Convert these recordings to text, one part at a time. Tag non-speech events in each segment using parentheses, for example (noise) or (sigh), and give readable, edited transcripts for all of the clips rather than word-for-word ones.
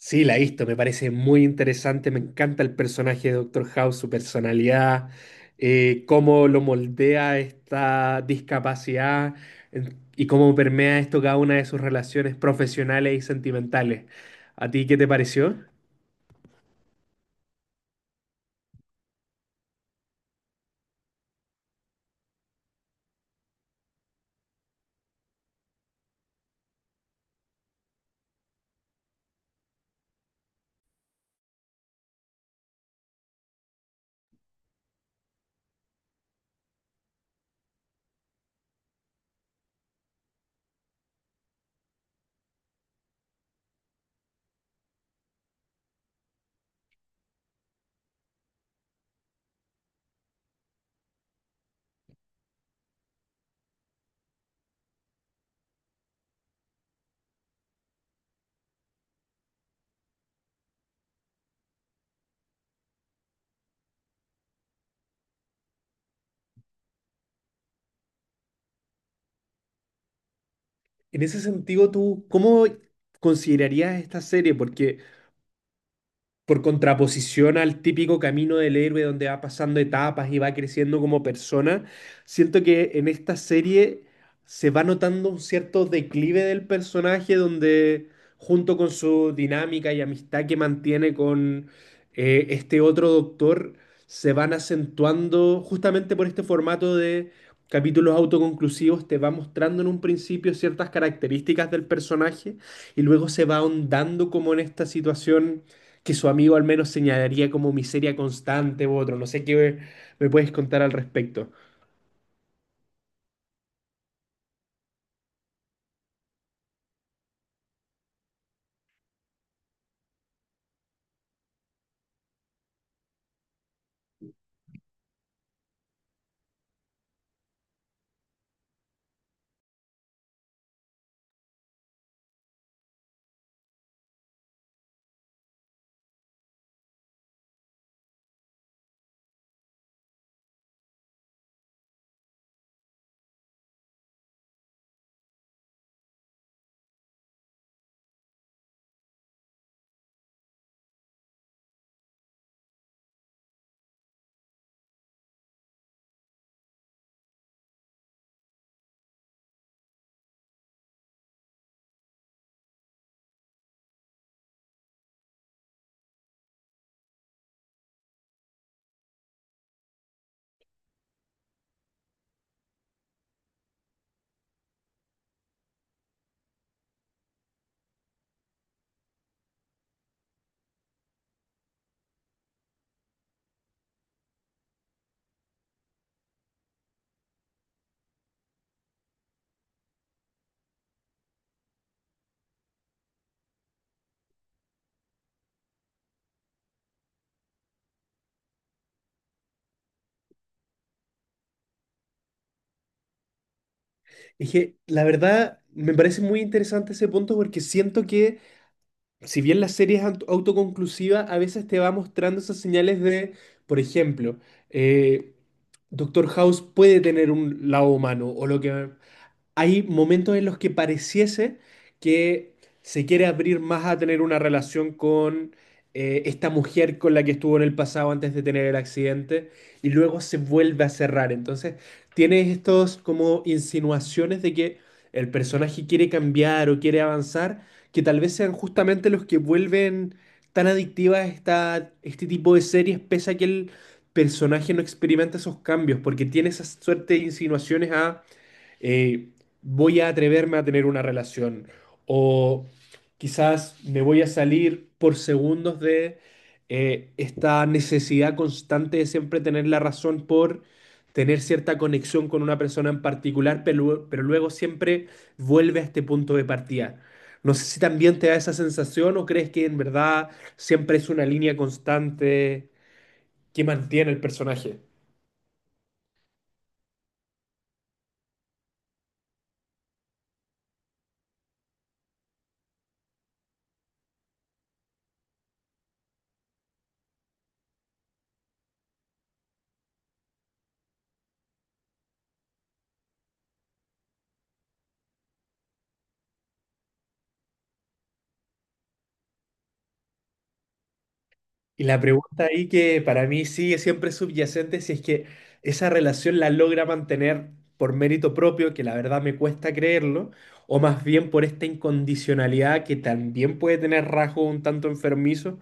Sí, la he visto, me parece muy interesante, me encanta el personaje de Doctor House, su personalidad, cómo lo moldea esta discapacidad y cómo permea esto cada una de sus relaciones profesionales y sentimentales. ¿A ti qué te pareció? En ese sentido, ¿tú cómo considerarías esta serie? Porque por contraposición al típico camino del héroe donde va pasando etapas y va creciendo como persona, siento que en esta serie se va notando un cierto declive del personaje donde junto con su dinámica y amistad que mantiene con este otro doctor, se van acentuando justamente por este formato de capítulos autoconclusivos, te va mostrando en un principio ciertas características del personaje y luego se va ahondando como en esta situación que su amigo al menos señalaría como miseria constante u otro. No sé qué me puedes contar al respecto. Es que la verdad, me parece muy interesante ese punto porque siento que, si bien la serie es autoconclusiva, a veces te va mostrando esas señales de, por ejemplo, eh, Doctor House puede tener un lado humano, o lo que hay momentos en los que pareciese que se quiere abrir más a tener una relación con esta mujer con la que estuvo en el pasado antes de tener el accidente y luego se vuelve a cerrar. Entonces, tienes estos como insinuaciones de que el personaje quiere cambiar o quiere avanzar, que tal vez sean justamente los que vuelven tan adictivas esta, este tipo de series, pese a que el personaje no experimenta esos cambios, porque tiene esa suerte de insinuaciones a eh, voy a atreverme a tener una relación o quizás me voy a salir por segundos de esta necesidad constante de siempre tener la razón por tener cierta conexión con una persona en particular, pero, luego siempre vuelve a este punto de partida. No sé si también te da esa sensación o crees que en verdad siempre es una línea constante que mantiene el personaje. Y la pregunta ahí que para mí sigue siempre subyacente, si es que esa relación la logra mantener por mérito propio, que la verdad me cuesta creerlo, o más bien por esta incondicionalidad que también puede tener rasgos un tanto enfermizos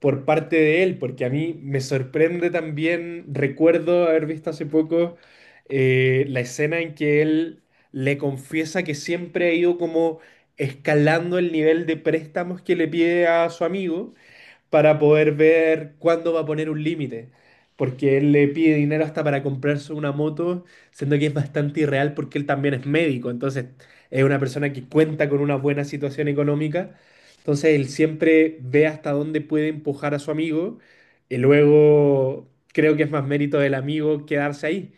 por parte de él, porque a mí me sorprende también, recuerdo haber visto hace poco la escena en que él le confiesa que siempre ha ido como escalando el nivel de préstamos que le pide a su amigo para poder ver cuándo va a poner un límite. Porque él le pide dinero hasta para comprarse una moto, siendo que es bastante irreal porque él también es médico. Entonces, es una persona que cuenta con una buena situación económica. Entonces, él siempre ve hasta dónde puede empujar a su amigo. Y luego, creo que es más mérito del amigo quedarse ahí.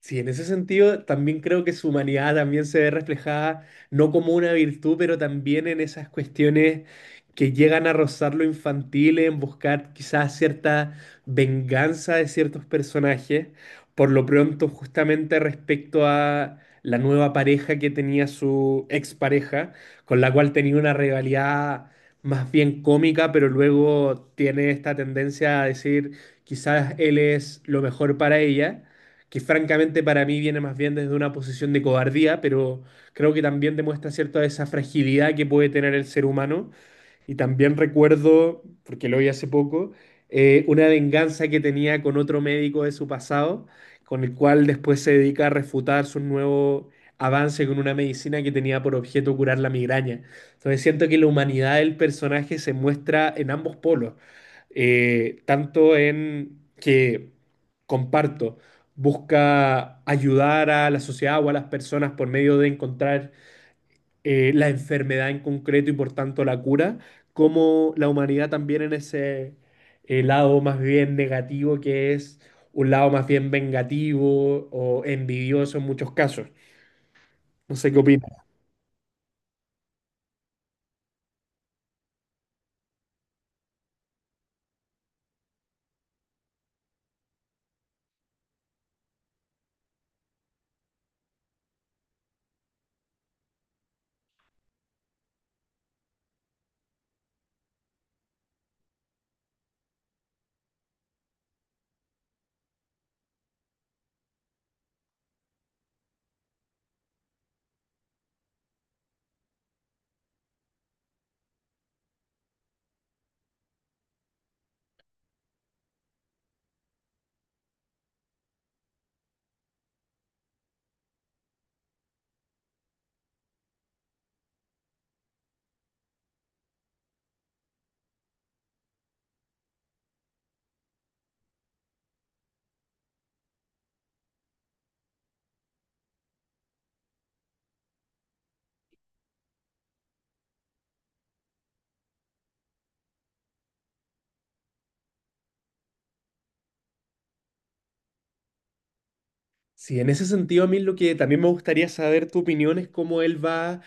Sí, en ese sentido también creo que su humanidad también se ve reflejada, no como una virtud, pero también en esas cuestiones que llegan a rozar lo infantil, en buscar quizás cierta venganza de ciertos personajes, por lo pronto justamente respecto a la nueva pareja que tenía su expareja, con la cual tenía una rivalidad más bien cómica, pero luego tiene esta tendencia a decir quizás él es lo mejor para ella que francamente para mí viene más bien desde una posición de cobardía, pero creo que también demuestra cierta esa fragilidad que puede tener el ser humano y también recuerdo, porque lo vi hace poco, una venganza que tenía con otro médico de su pasado, con el cual después se dedica a refutar su nuevo avance con una medicina que tenía por objeto curar la migraña. Entonces siento que la humanidad del personaje se muestra en ambos polos, tanto en que, comparto, busca ayudar a la sociedad o a las personas por medio de encontrar la enfermedad en concreto y por tanto la cura, como la humanidad también en ese lado más bien negativo que es un lado más bien vengativo o envidioso en muchos casos. No sé qué opinas. Sí, en ese sentido, a mí lo que también me gustaría saber tu opinión es cómo él va,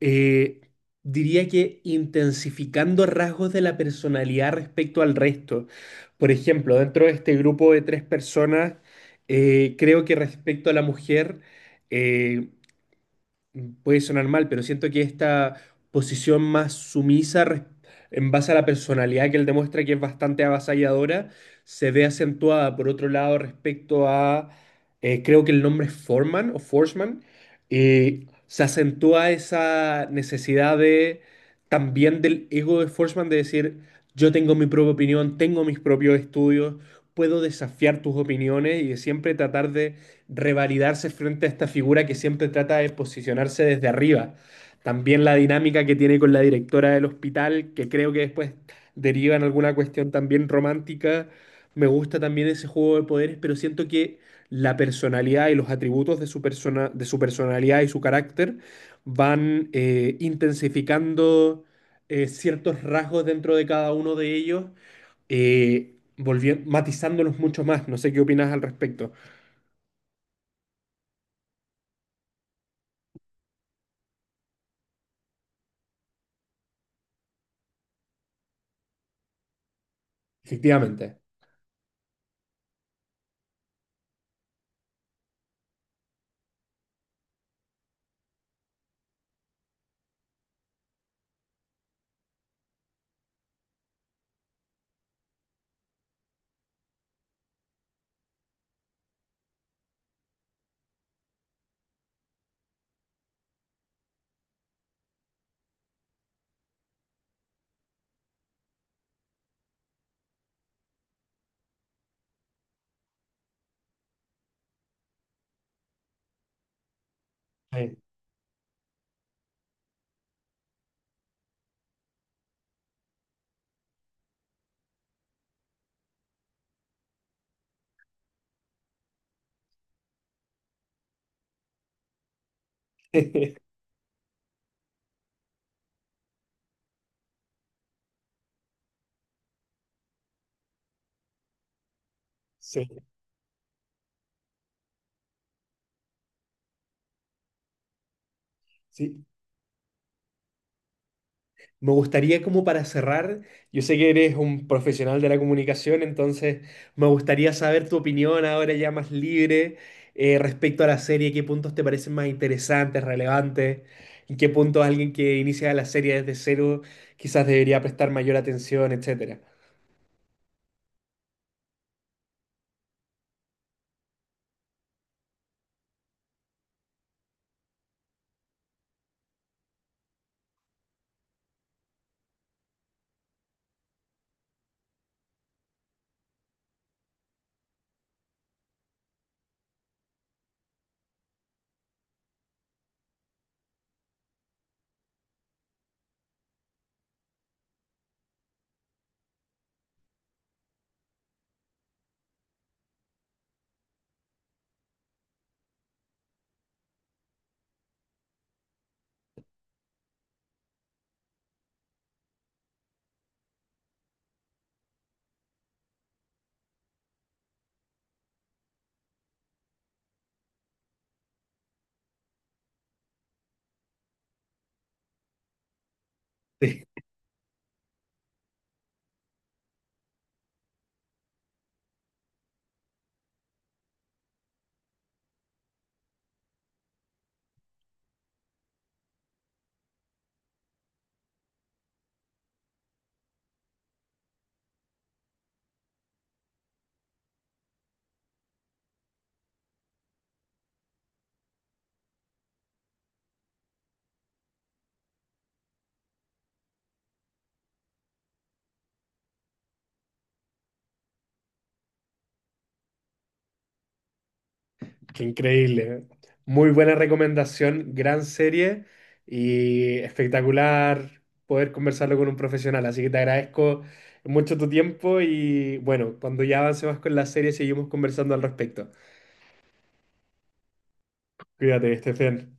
eh, diría que intensificando rasgos de la personalidad respecto al resto. Por ejemplo, dentro de este grupo de tres personas, creo que respecto a la mujer, eh, puede sonar mal, pero siento que esta posición más sumisa en base a la personalidad que él demuestra que es bastante avasalladora, se ve acentuada por otro lado respecto a, creo que el nombre es Foreman o Forsman, se acentúa esa necesidad de también del ego de Forsman de decir, yo tengo mi propia opinión, tengo mis propios estudios, puedo desafiar tus opiniones y de siempre tratar de revalidarse frente a esta figura que siempre trata de posicionarse desde arriba. También la dinámica que tiene con la directora del hospital, que creo que después deriva en alguna cuestión también romántica. Me gusta también ese juego de poderes, pero siento que la personalidad y los atributos de su persona, de su personalidad y su carácter van intensificando ciertos rasgos dentro de cada uno de ellos, matizándolos mucho más. No sé qué opinas al respecto. Efectivamente. Sí, (laughs) sí, sí. Me gustaría como para cerrar, yo sé que eres un profesional de la comunicación, entonces me gustaría saber tu opinión ahora ya más libre respecto a la serie, qué puntos te parecen más interesantes, relevantes, en qué puntos alguien que inicia la serie desde cero quizás debería prestar mayor atención, etcétera. Qué increíble. Muy buena recomendación, gran serie y espectacular poder conversarlo con un profesional. Así que te agradezco mucho tu tiempo y bueno, cuando ya avancemos con la serie seguimos conversando al respecto. Cuídate, Estefan.